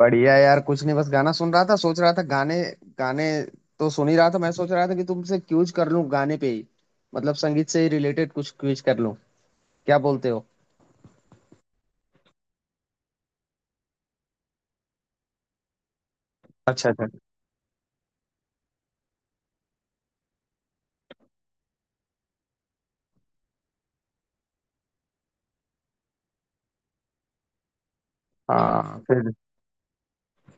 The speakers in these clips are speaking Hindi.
बढ़िया यार, कुछ नहीं, बस गाना सुन रहा था। सोच रहा था गाने गाने तो सुन ही रहा था, मैं सोच रहा था कि तुमसे क्यूज कर लूं गाने पे ही। मतलब संगीत से ही रिलेटेड कुछ क्यूज कर लूं। क्या बोलते हो? अच्छा, अच्छा। हाँ फिर,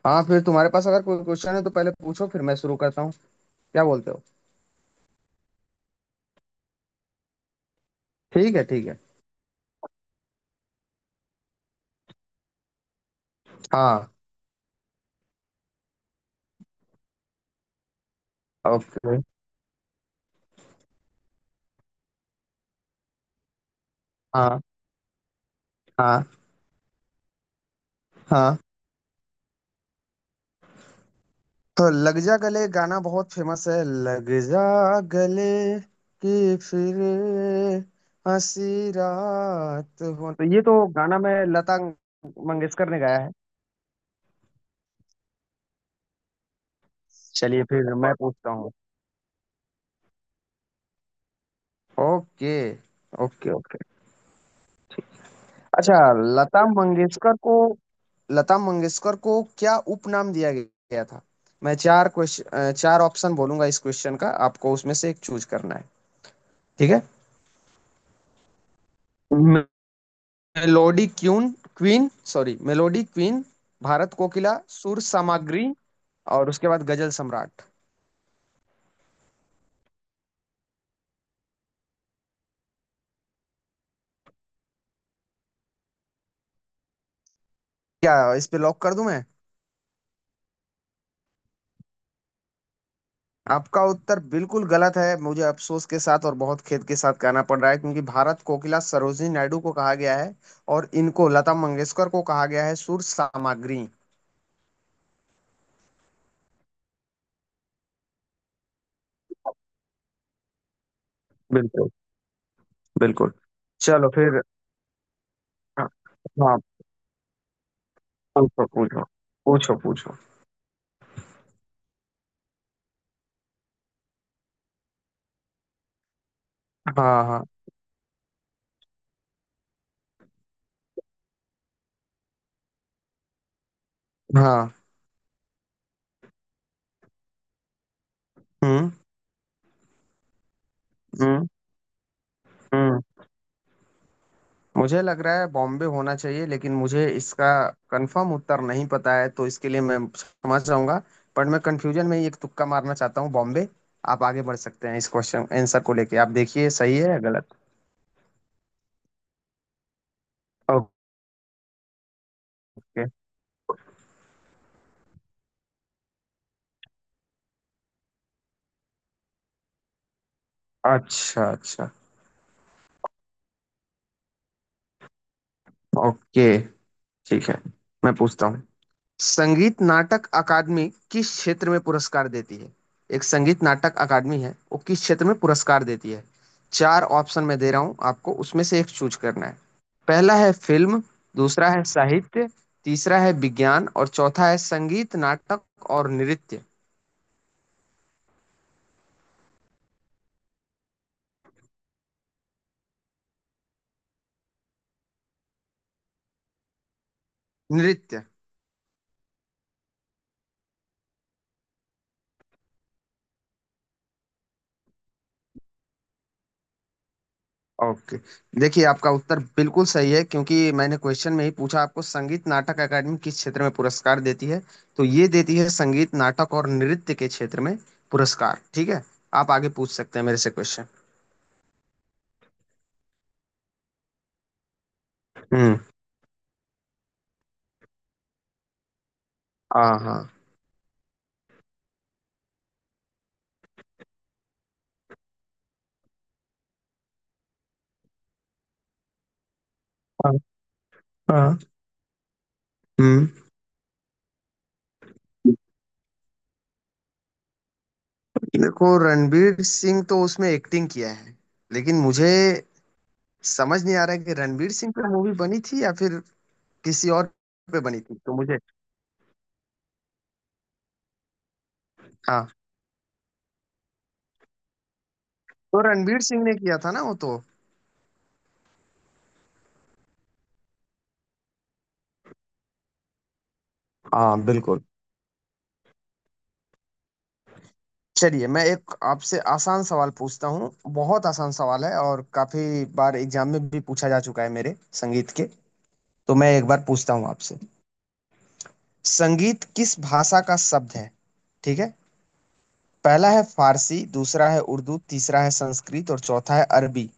हाँ फिर तुम्हारे पास अगर कोई क्वेश्चन है तो पहले पूछो, फिर मैं शुरू करता हूँ। क्या बोलते हो? ठीक है, ठीक है। हाँ। ओके। हाँ, हाँ। हाँ तो लग जा गले गाना बहुत फेमस है। लग जा गले कि फिर हंसी रात हो, तो ये तो गाना मैं लता मंगेशकर ने गाया है। चलिए फिर मैं पूछता हूँ। Okay, okay, okay. अच्छा, लता मंगेशकर को लता मंगेशकर को क्या उपनाम दिया गया था? मैं चार क्वेश्चन, चार ऑप्शन बोलूंगा इस क्वेश्चन का, आपको उसमें से एक चूज करना है, ठीक है? मेलोडी क्यून, queen sorry, melody queen, Bharat Kokila, सुर सामग्री, और उसके बाद गजल सम्राट। क्या इस पे लॉक कर दूं मैं? आपका उत्तर बिल्कुल गलत है, मुझे अफसोस के साथ और बहुत खेद के साथ कहना पड़ रहा है, क्योंकि भारत कोकिला सरोजिनी नायडू को कहा गया है, और इनको, लता मंगेशकर को, कहा गया है सुर सामग्री। बिल्कुल, बिल्कुल। चलो फिर। हाँ, हाँ, पूछो पूछो। पूछो पूछो। हाँ। हाँ। हाँ। हम्म। हम्म। हम्म। मुझे लग रहा है बॉम्बे होना चाहिए, लेकिन मुझे इसका कंफर्म उत्तर नहीं पता है, तो इसके लिए मैं समझ जाऊंगा। पर मैं कंफ्यूजन में ही एक तुक्का मारना चाहता हूँ, बॉम्बे। आप आगे बढ़ सकते हैं इस क्वेश्चन आंसर को लेके, आप देखिए सही है या गलत। ओके। अच्छा, अच्छा। ओके, ठीक है, मैं पूछता हूँ। संगीत नाटक अकादमी किस क्षेत्र में पुरस्कार देती है? एक संगीत नाटक अकादमी है, वो किस क्षेत्र में पुरस्कार देती है? चार ऑप्शन मैं दे रहा हूँ आपको, उसमें से एक चूज करना है। पहला है फिल्म, दूसरा है साहित्य, तीसरा है विज्ञान, और चौथा है संगीत नाटक और नृत्य। नृत्य। ओके। देखिए आपका उत्तर बिल्कुल सही है, क्योंकि मैंने क्वेश्चन में ही पूछा आपको, संगीत नाटक अकादमी किस क्षेत्र में पुरस्कार देती है। तो ये देती है संगीत नाटक और नृत्य के क्षेत्र में पुरस्कार, ठीक है? आप आगे पूछ सकते हैं मेरे से क्वेश्चन। हम्म। हाँ, हाँ। हाँ, हाँ, हम्म। देखो रणवीर सिंह तो उसमें एक्टिंग किया है, लेकिन मुझे समझ नहीं आ रहा है कि रणवीर सिंह पे मूवी बनी थी या फिर किसी और पे बनी थी, तो मुझे... हाँ तो रणवीर सिंह ने किया था ना वो तो। हाँ बिल्कुल। चलिए मैं एक आपसे आसान सवाल पूछता हूँ, बहुत आसान सवाल है, और काफी बार एग्जाम में भी पूछा जा चुका है मेरे संगीत के। तो मैं एक बार पूछता हूँ आपसे, संगीत किस भाषा का शब्द है, ठीक है? पहला है फारसी, दूसरा है उर्दू, तीसरा है संस्कृत, और चौथा है अरबी।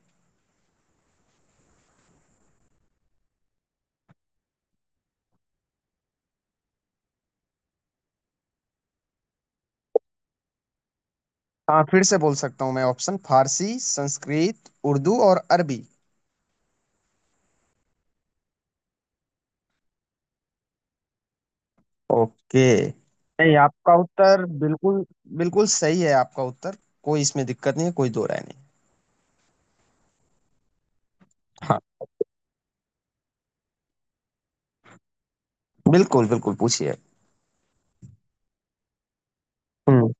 हाँ, फिर से बोल सकता हूँ मैं ऑप्शन, फारसी, संस्कृत, उर्दू और अरबी। ओके। नहीं, आपका उत्तर बिल्कुल बिल्कुल सही है, आपका उत्तर। कोई इसमें दिक्कत नहीं है, कोई दो राय नहीं। हाँ, बिल्कुल बिल्कुल पूछिए। हम्म।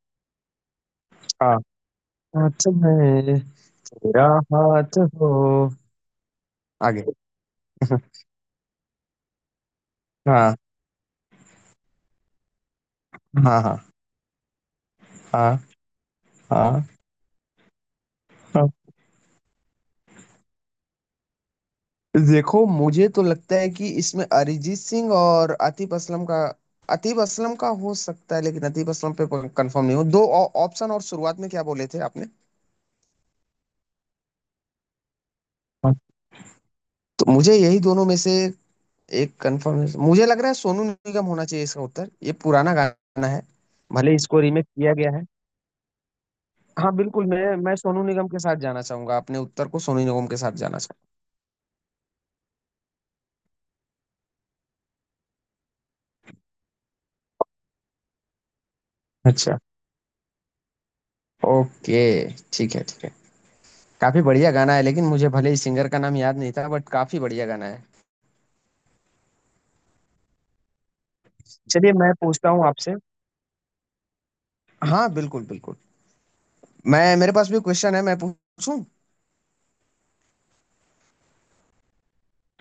हाँ। हाथ में तेरा हाथ हो। आगे। हाँ। हाँ। हाँ। हाँ। हाँ। हाँ। देखो मुझे तो लगता है कि इसमें अरिजीत सिंह और आतिफ असलम का, आतिफ असलम का हो सकता है, लेकिन आतिफ असलम पे कंफर्म नहीं हूँ। दो ऑ- ऑप्शन और शुरुआत में क्या बोले थे आपने? हाँ। तो मुझे यही दोनों में से एक कंफर्म मुझे लग रहा है सोनू निगम होना चाहिए इसका उत्तर, ये पुराना गाना है, भले इसको रीमेक किया गया है। हाँ बिल्कुल, मैं सोनू निगम के साथ जाना चाहूंगा, अपने उत्तर को सोनू निगम के साथ जाना चाहूंगा। अच्छा। ओके, ठीक है, ठीक है। काफी बढ़िया गाना है, लेकिन मुझे भले ही सिंगर का नाम याद नहीं था, बट काफी बढ़िया गाना है। चलिए मैं पूछता हूँ आपसे। हाँ, बिल्कुल बिल्कुल, मैं, मेरे पास भी क्वेश्चन है, मैं पूछूं।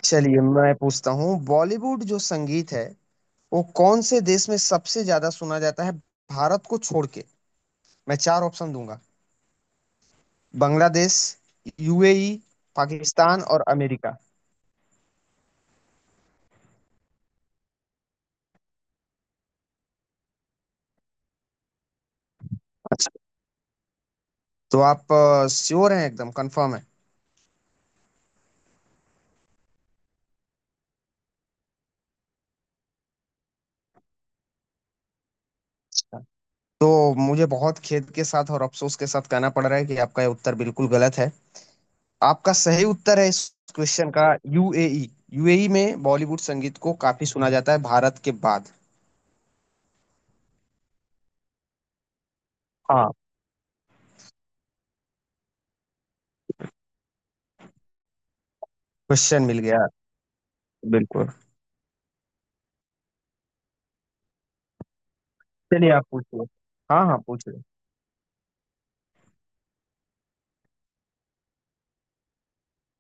चलिए मैं पूछता हूँ, बॉलीवुड जो संगीत है, वो कौन से देश में सबसे ज्यादा सुना जाता है, भारत को छोड़ के? मैं चार ऑप्शन दूंगा, बांग्लादेश, यूएई, पाकिस्तान और अमेरिका। तो आप श्योर हैं, एकदम कंफर्म है? हाँ। तो मुझे बहुत खेद के साथ और अफसोस के साथ कहना पड़ रहा है कि आपका ये उत्तर बिल्कुल गलत है। आपका सही उत्तर है इस क्वेश्चन का, यूएई। यूएई में बॉलीवुड संगीत को काफी सुना जाता है भारत के बाद। हाँ। क्वेश्चन मिल गया। बिल्कुल। चलिए आप पूछिए। हाँ हाँ, पूछ रहे।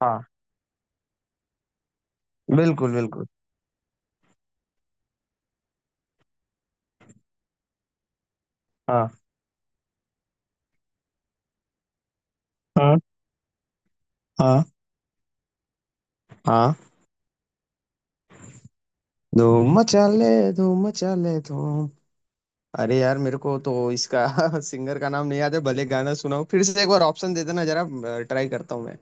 हाँ, बिल्कुल बिल्कुल। हाँ। हाँ। हाँ। हाँ। धूम मचा ले, धूम मचा ले, धूम। अरे यार मेरे को तो इसका सिंगर का नाम नहीं याद है, भले गाना सुनाओ फिर से एक बार, ऑप्शन दे देना जरा, ट्राई करता हूँ मैं।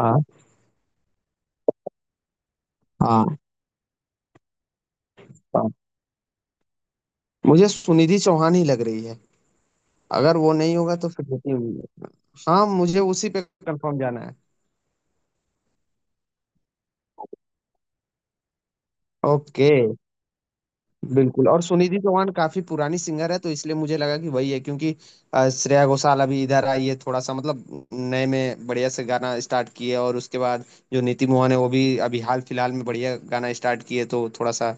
हाँ। हाँ। हाँ। मुझे सुनिधि चौहान ही लग रही है। अगर वो नहीं होगा तो फिर नितिन... हाँ, मुझे उसी पे कंफर्म जाना है। ओके। बिल्कुल, और सुनिधि चौहान काफी पुरानी सिंगर है, तो इसलिए मुझे लगा कि वही है, क्योंकि श्रेया घोषाल अभी इधर आई है, थोड़ा सा मतलब नए में बढ़िया से गाना स्टार्ट किए, और उसके बाद जो नीति मोहन है वो भी अभी हाल फिलहाल में बढ़िया गाना स्टार्ट किए, तो थोड़ा सा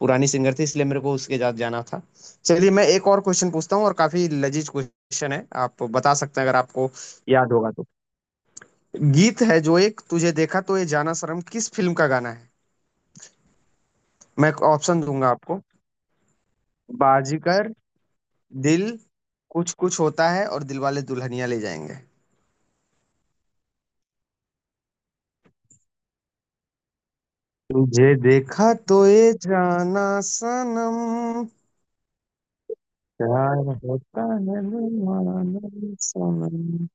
पुरानी सिंगर थी, इसलिए मेरे को उसके साथ जाना था। चलिए मैं एक और क्वेश्चन पूछता हूँ, और काफी लजीज क्वेश्चन है, आप बता सकते हैं अगर आपको याद होगा तो। गीत है जो, एक तुझे देखा तो ये जाना शर्म, किस फिल्म का गाना है? मैं ऑप्शन दूंगा आपको, बाजीगर, दिल, कुछ कुछ होता है, और दिल वाले दुल्हनिया ले जाएंगे। तुझे देखा तो ये जाना सनम, प्यार होता है दीवाना, सनम।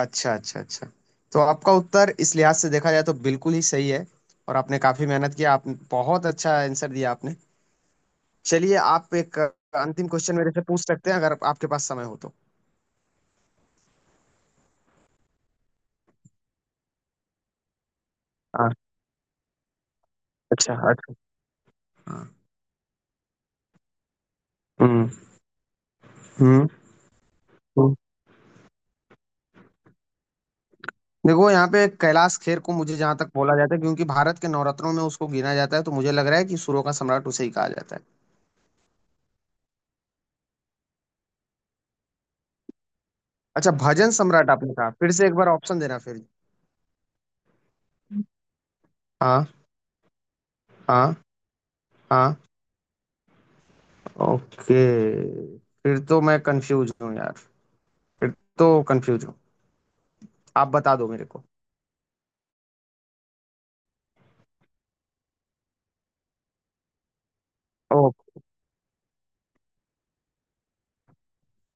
अच्छा, अच्छा, अच्छा। तो आपका उत्तर इस लिहाज से देखा जाए तो बिल्कुल ही सही है, और आपने काफी मेहनत किया, आप बहुत अच्छा आंसर दिया आपने। चलिए आप एक अंतिम क्वेश्चन मेरे से पूछ सकते हैं, अगर आपके पास समय हो तो। हाँ। अच्छा, अच्छा। हाँ। हम्म। हम्म। देखो यहाँ पे कैलाश खेर को, मुझे जहां तक बोला जाता है, क्योंकि भारत के नवरत्नों में उसको गिना जाता है, तो मुझे लग रहा है कि सुरों का सम्राट उसे ही कहा जाता है। अच्छा, भजन सम्राट आपने कहा, फिर से एक बार ऑप्शन देना फिर। हाँ। हाँ। हाँ। ओके। फिर तो मैं कंफ्यूज हूँ यार, फिर तो कंफ्यूज हूँ, आप बता दो मेरे को। ओके।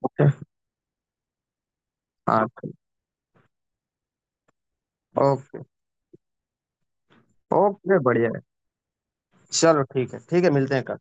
ओके, हाँ ठीक। ओके। ओके, बढ़िया है। चलो ठीक है, ठीक है, मिलते हैं कल।